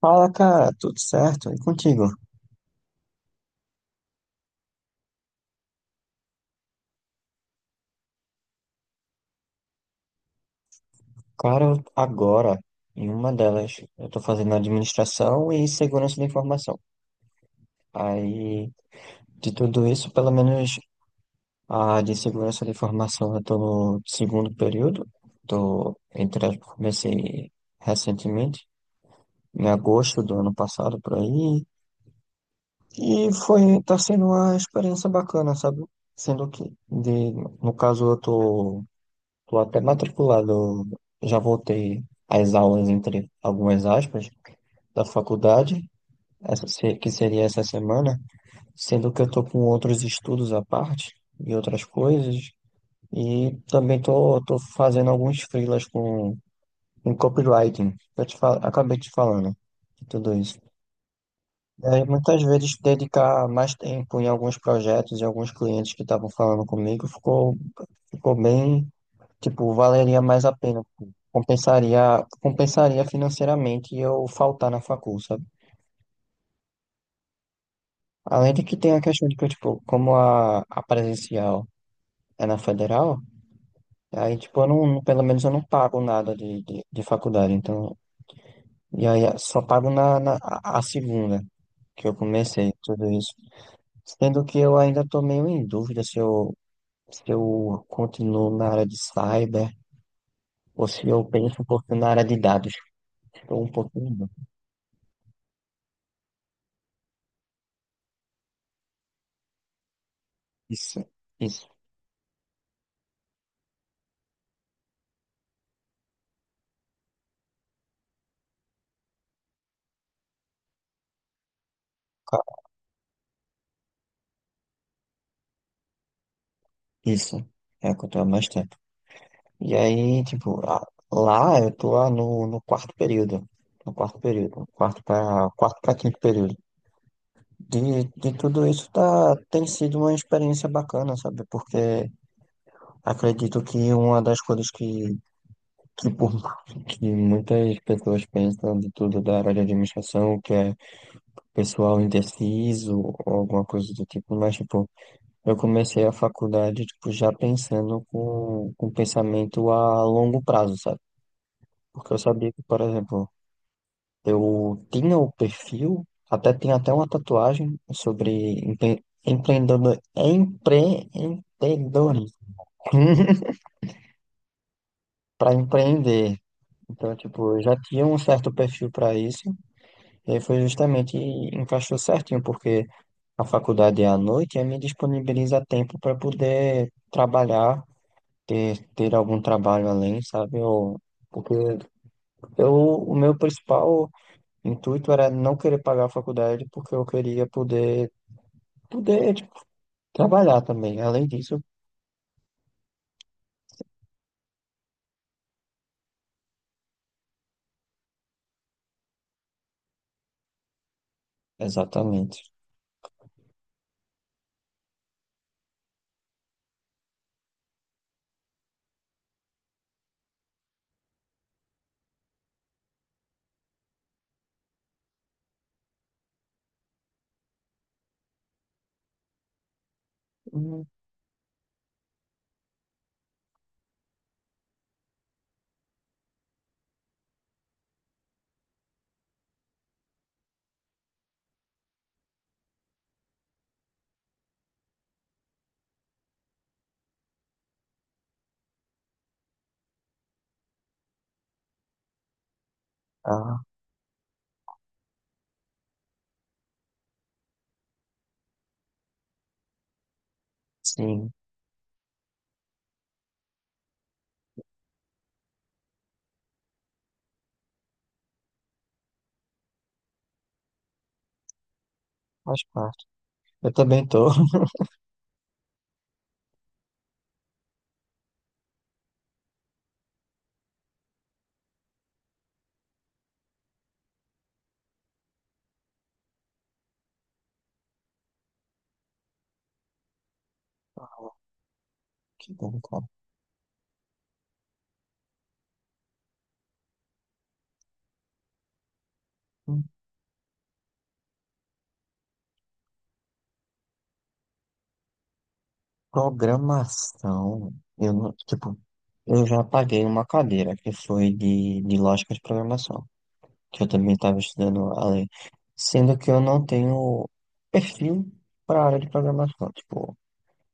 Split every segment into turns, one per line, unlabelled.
Fala, cara, tudo certo? E contigo? Cara, agora, em uma delas, eu tô fazendo administração e segurança da informação. Aí, de tudo isso, pelo menos a de segurança da informação eu tô no segundo período. Comecei recentemente, em agosto do ano passado, por aí. E tá sendo uma experiência bacana, sabe? Sendo que, no caso, eu tô Estou até matriculado, já voltei às aulas, entre algumas aspas, da faculdade, essa se- que seria essa semana, sendo que eu estou com outros estudos à parte e outras coisas, e também tô fazendo alguns freelas com copywriting, que acabei te falando de tudo isso. E aí, muitas vezes, dedicar mais tempo em alguns projetos e alguns clientes que estavam falando comigo ficou bem. Tipo, valeria mais a pena, tipo, compensaria financeiramente eu faltar na facul, sabe? Além de que tem a questão de que, tipo, como a presencial é na federal, aí, tipo, eu pelo menos eu não pago nada de faculdade, então, e aí eu só pago na a segunda que eu comecei tudo isso. Sendo que eu ainda tô meio em dúvida se eu continuo na área de cyber ou se eu penso um pouco na área de dados, estou um pouquinho em dúvida. Isso, isso. Isso, é o que eu tô há mais tempo. E aí, tipo, lá eu tô lá no quarto período. No quarto período. Um quarto para quinto período. De, de tudo isso tá, tem sido uma experiência bacana, sabe? Porque acredito que uma das coisas que, por, que muitas pessoas pensam de tudo da área de administração, que é pessoal indeciso ou alguma coisa do tipo, mas, tipo, eu comecei a faculdade, tipo, já pensando com pensamento a longo prazo, sabe? Porque eu sabia que, por exemplo, eu tinha o perfil, até tinha até uma tatuagem sobre empreendedor, empreendedorismo, para empreender. Então, tipo, eu já tinha um certo perfil para isso, e aí foi justamente, encaixou certinho, porque a faculdade é à noite e aí me disponibiliza tempo para poder trabalhar ter algum trabalho além, sabe? Porque o meu principal intuito era não querer pagar a faculdade porque eu queria poder, tipo, trabalhar também. Além disso, exatamente. Hum, ah, sim, faz parte. Eu também tô. Que bom, cara. Hum, programação. Eu não, tipo, eu já paguei uma cadeira que foi de lógica de programação. Que eu também estava estudando ali, sendo que eu não tenho perfil para a área de programação. Tipo,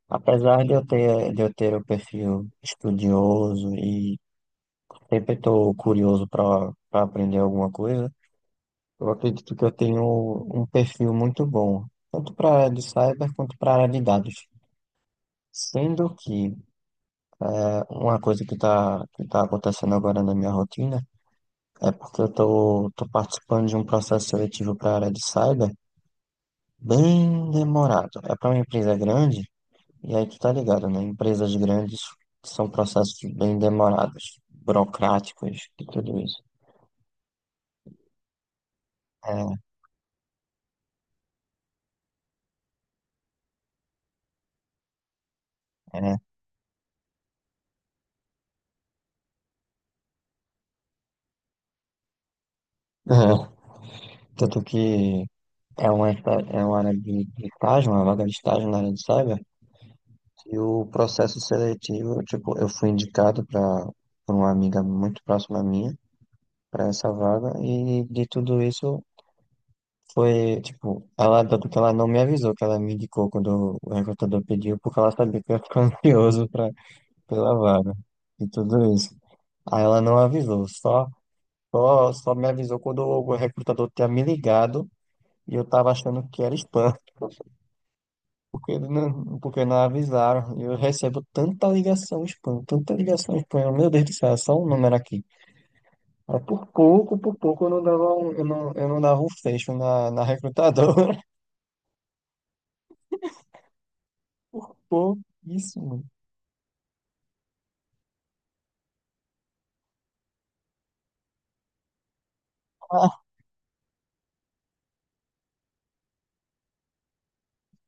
apesar de eu ter o perfil estudioso e sempre estou curioso para aprender alguma coisa, eu acredito que eu tenho um perfil muito bom, tanto para a área de cyber quanto para a área de dados. Sendo que uma coisa que tá acontecendo agora na minha rotina é porque tô participando de um processo seletivo para a área de cyber. Bem demorado. É para uma empresa grande, e aí tu tá ligado, né? Empresas grandes são processos bem demorados, burocráticos e tudo isso. É, é. Tanto que é é uma área de estágio, uma vaga de estágio na área de cyber, e o processo seletivo, tipo, eu fui indicado para por uma amiga muito próxima minha para essa vaga, e de tudo isso foi, tipo, tanto que ela não me avisou que ela me indicou quando o recrutador pediu, porque ela sabia que eu ia ficar ansioso pela vaga e tudo isso. Aí ela não avisou, só me avisou quando o recrutador tinha me ligado e eu tava achando que era spam, porque ele não, porque não avisaram. E eu recebo tanta ligação spam, meu Deus do céu, é só um número aqui. Aí por pouco eu não eu não dava um fecho na recrutadora, por pouco. Isso, ah,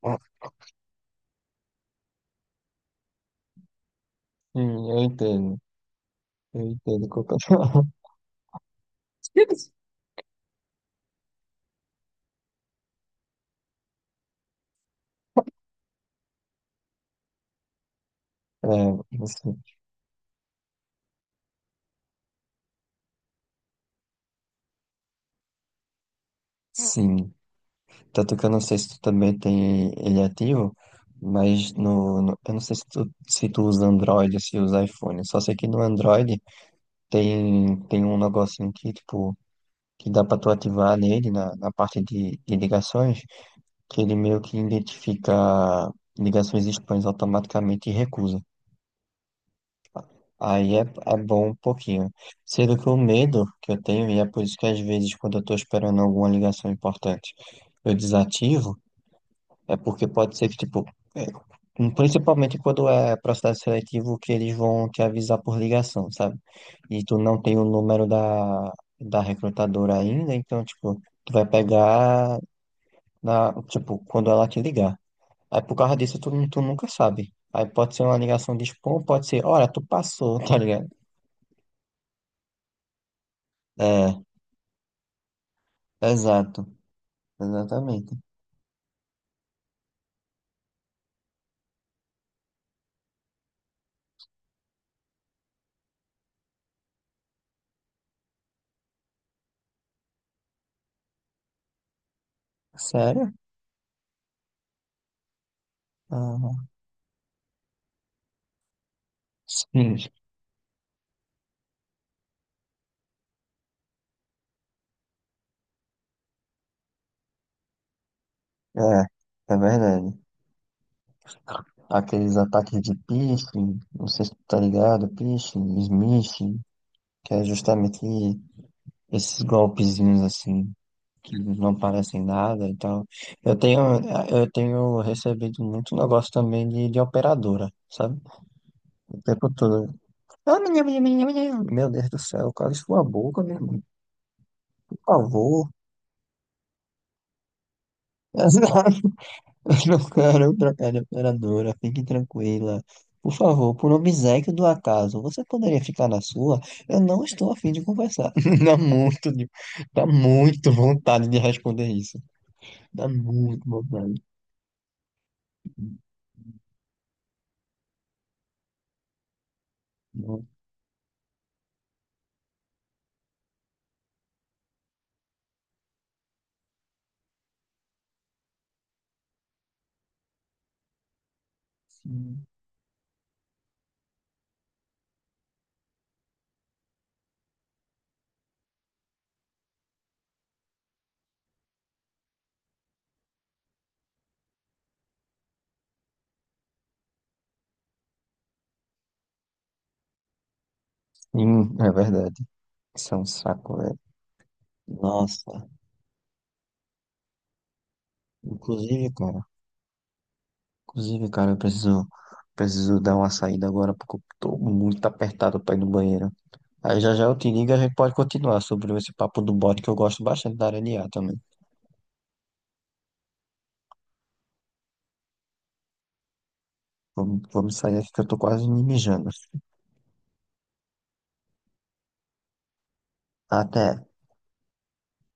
ah, sim, eu entendo. Eu entendo completamente. É, assim, sim. Tanto que eu não sei se tu também tem ele ativo, mas eu não sei se tu usa Android ou se usa iPhone. Só sei que no Android tem um negocinho tipo, que dá pra tu ativar nele na parte de ligações, que ele meio que identifica ligações spams automaticamente e recusa. Aí é bom um pouquinho. Sendo que o medo que eu tenho, e é por isso que às vezes quando eu tô esperando alguma ligação importante, eu desativo, é porque pode ser que, tipo, é, principalmente quando é processo seletivo, que eles vão te avisar por ligação, sabe? E tu não tem o número da recrutadora ainda, então, tipo, tu vai pegar, tipo, quando ela te ligar. Aí por causa disso, tu nunca sabe. Aí pode ser uma ligação de spam, pode ser, olha, tu passou, tá ligado? É, exato, exatamente. Sério? Ah, sim, é, é verdade. Aqueles ataques de phishing, não sei se tu tá ligado, phishing, smishing, que é justamente esses golpezinhos assim, que não parecem nada e tal. Eu tenho, eu tenho recebido muito negócio também de operadora, sabe? O tempo todo. Ah, minha, minha, minha, minha. Meu Deus do céu, cala sua boca, meu irmão, por favor. Não quero trocar de operadora, fique tranquila. Por favor, por obséquio do acaso, você poderia ficar na sua? Eu não estou afim de conversar. Dá muito, dá muito vontade de responder isso. Dá muito vontade. Nossa. Sim, é verdade. Isso é um saco, velho. Nossa. Inclusive, cara, Inclusive, cara, preciso dar uma saída agora porque eu tô muito apertado pra ir no banheiro. Aí já já eu te ligo, e a gente pode continuar sobre esse papo do bode que eu gosto bastante da área de IA também. Vamos, vamos sair aqui que eu tô quase me mijando. Até.